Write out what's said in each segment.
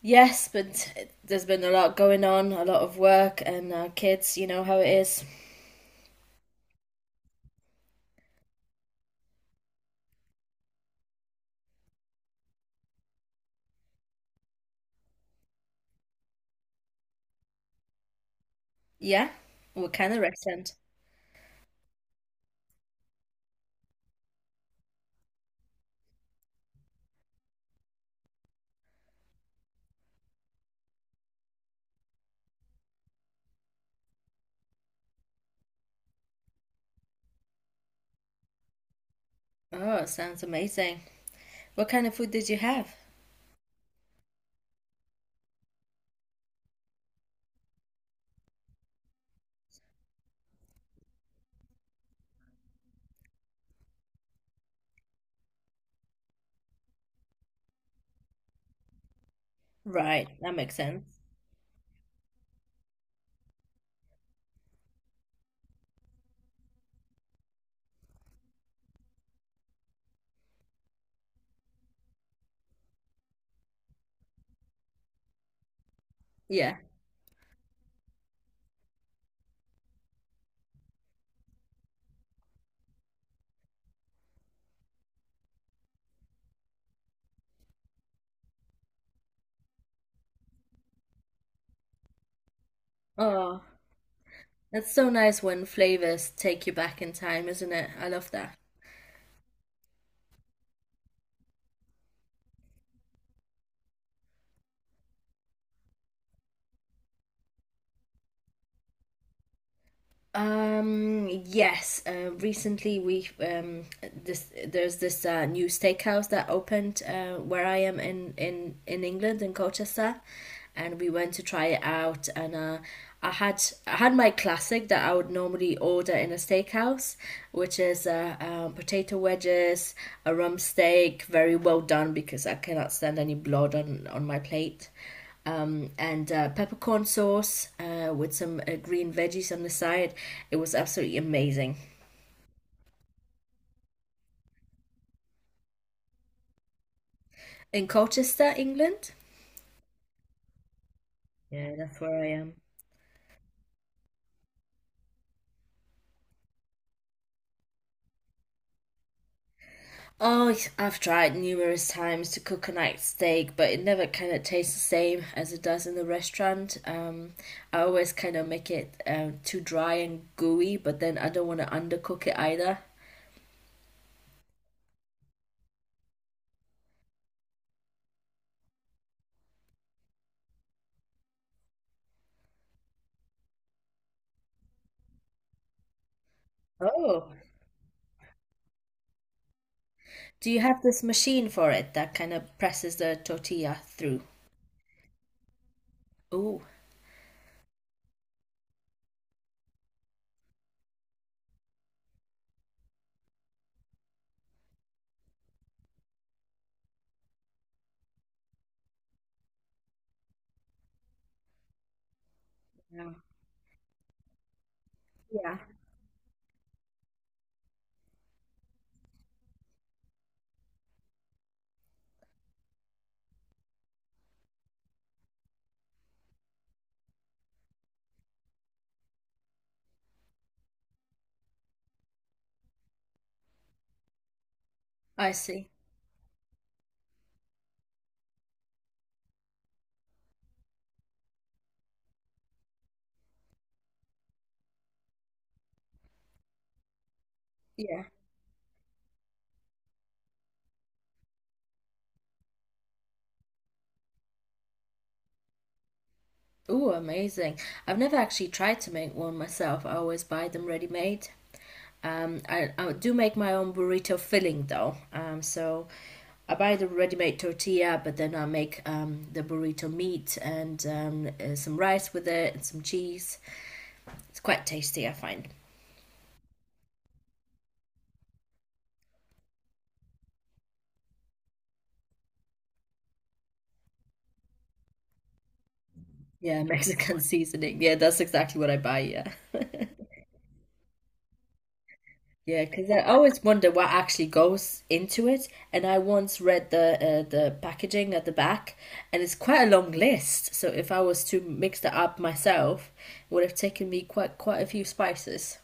Yes, but there's been a lot going on, a lot of work and kids, you know how it is. Yeah? What kind of restaurant? Oh, sounds amazing. What kind of food did you have? Right, that makes sense. Yeah. Oh, that's so nice when flavors take you back in time, isn't it? I love that. Yes. Recently, we this there's this new steakhouse that opened where I am in England, in Colchester, and we went to try it out. And I had my classic that I would normally order in a steakhouse, which is potato wedges, a rump steak, very well done because I cannot stand any blood on my plate and peppercorn sauce with some green veggies on the side. It was absolutely amazing. In Colchester, England? Yeah, that's where I am. Oh, yes, I've tried numerous times to cook a night steak, but it never kind of tastes the same as it does in the restaurant. I always kind of make it too dry and gooey, but then I don't want to undercook it either. Oh, do you have this machine for it that kind of presses the tortilla through? Oh, yeah. Yeah, I see. Yeah. Ooh, amazing. I've never actually tried to make one myself. I always buy them ready-made. I do make my own burrito filling though. So I buy the ready-made tortilla, but then I make the burrito meat and some rice with it and some cheese. It's quite tasty, I find. Yeah, Mexican seasoning. Yeah, that's exactly what I buy. Yeah. Yeah, because I always wonder what actually goes into it. And I once read the packaging at the back, and it's quite a long list. So if I was to mix that up myself, it would have taken me quite a few spices.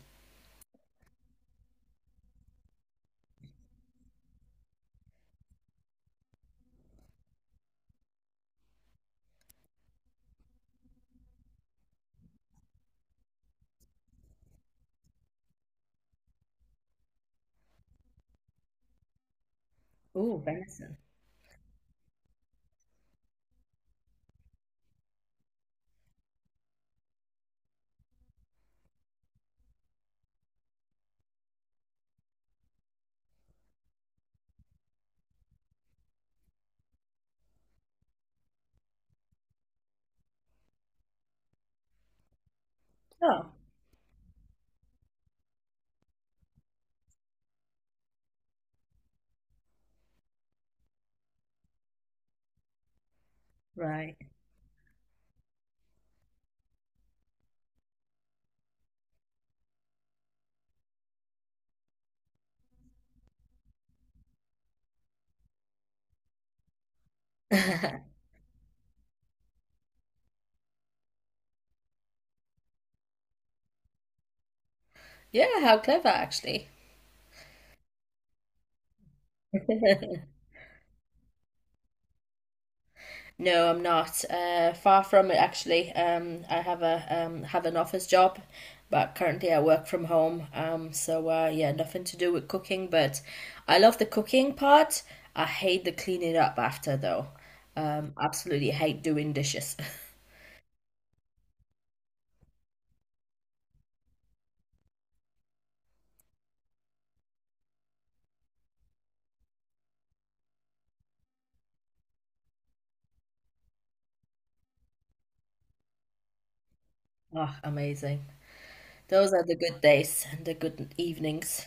Oh, venison. Oh, right. Yeah, how clever actually. No, I'm not. Far from it, actually. I have a have an office job, but currently I work from home. So yeah, nothing to do with cooking. But I love the cooking part. I hate the cleaning up after, though. Absolutely hate doing dishes. Oh, amazing. Those are the good days and the good evenings.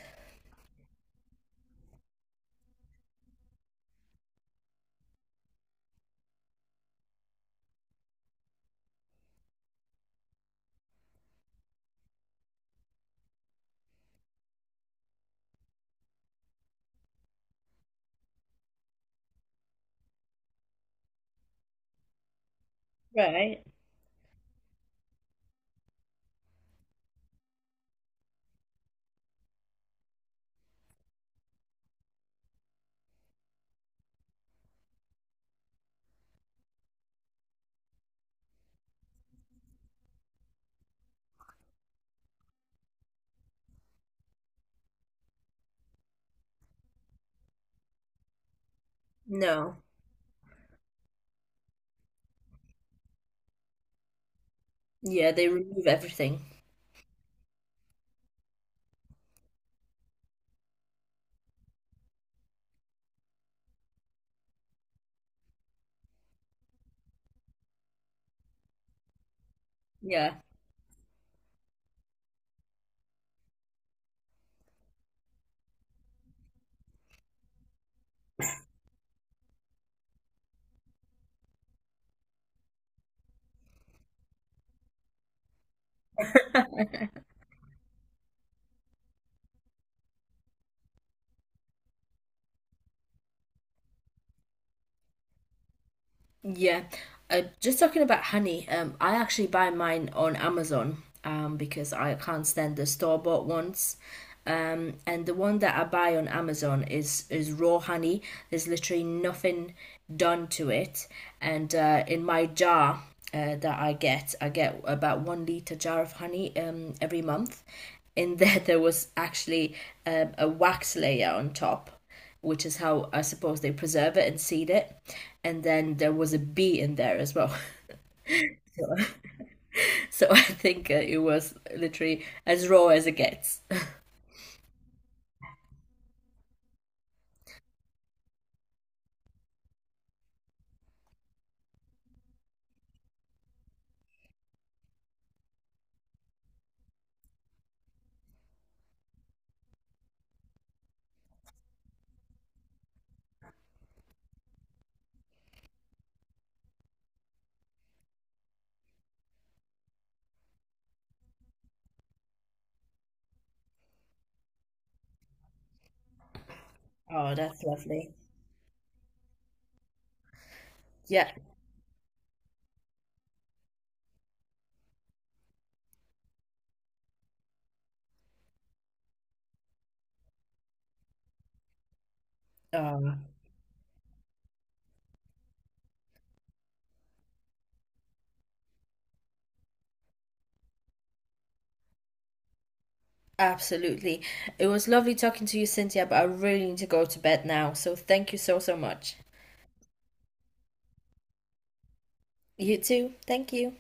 Right. No. Yeah, they remove everything. Yeah. Yeah. Just talking about honey, I actually buy mine on Amazon because I can't stand the store-bought ones. And the one that I buy on Amazon is raw honey. There's literally nothing done to it. And in my jar that I get about 1 liter jar of honey every month. In there was actually a wax layer on top, which is how I suppose they preserve it and seed it. And then there was a bee in there as well. So I think it was literally as raw as it gets. Oh, that's lovely. Yeah. Oh. Absolutely. It was lovely talking to you, Cynthia, but I really need to go to bed now. So thank you so, so much. You too. Thank you.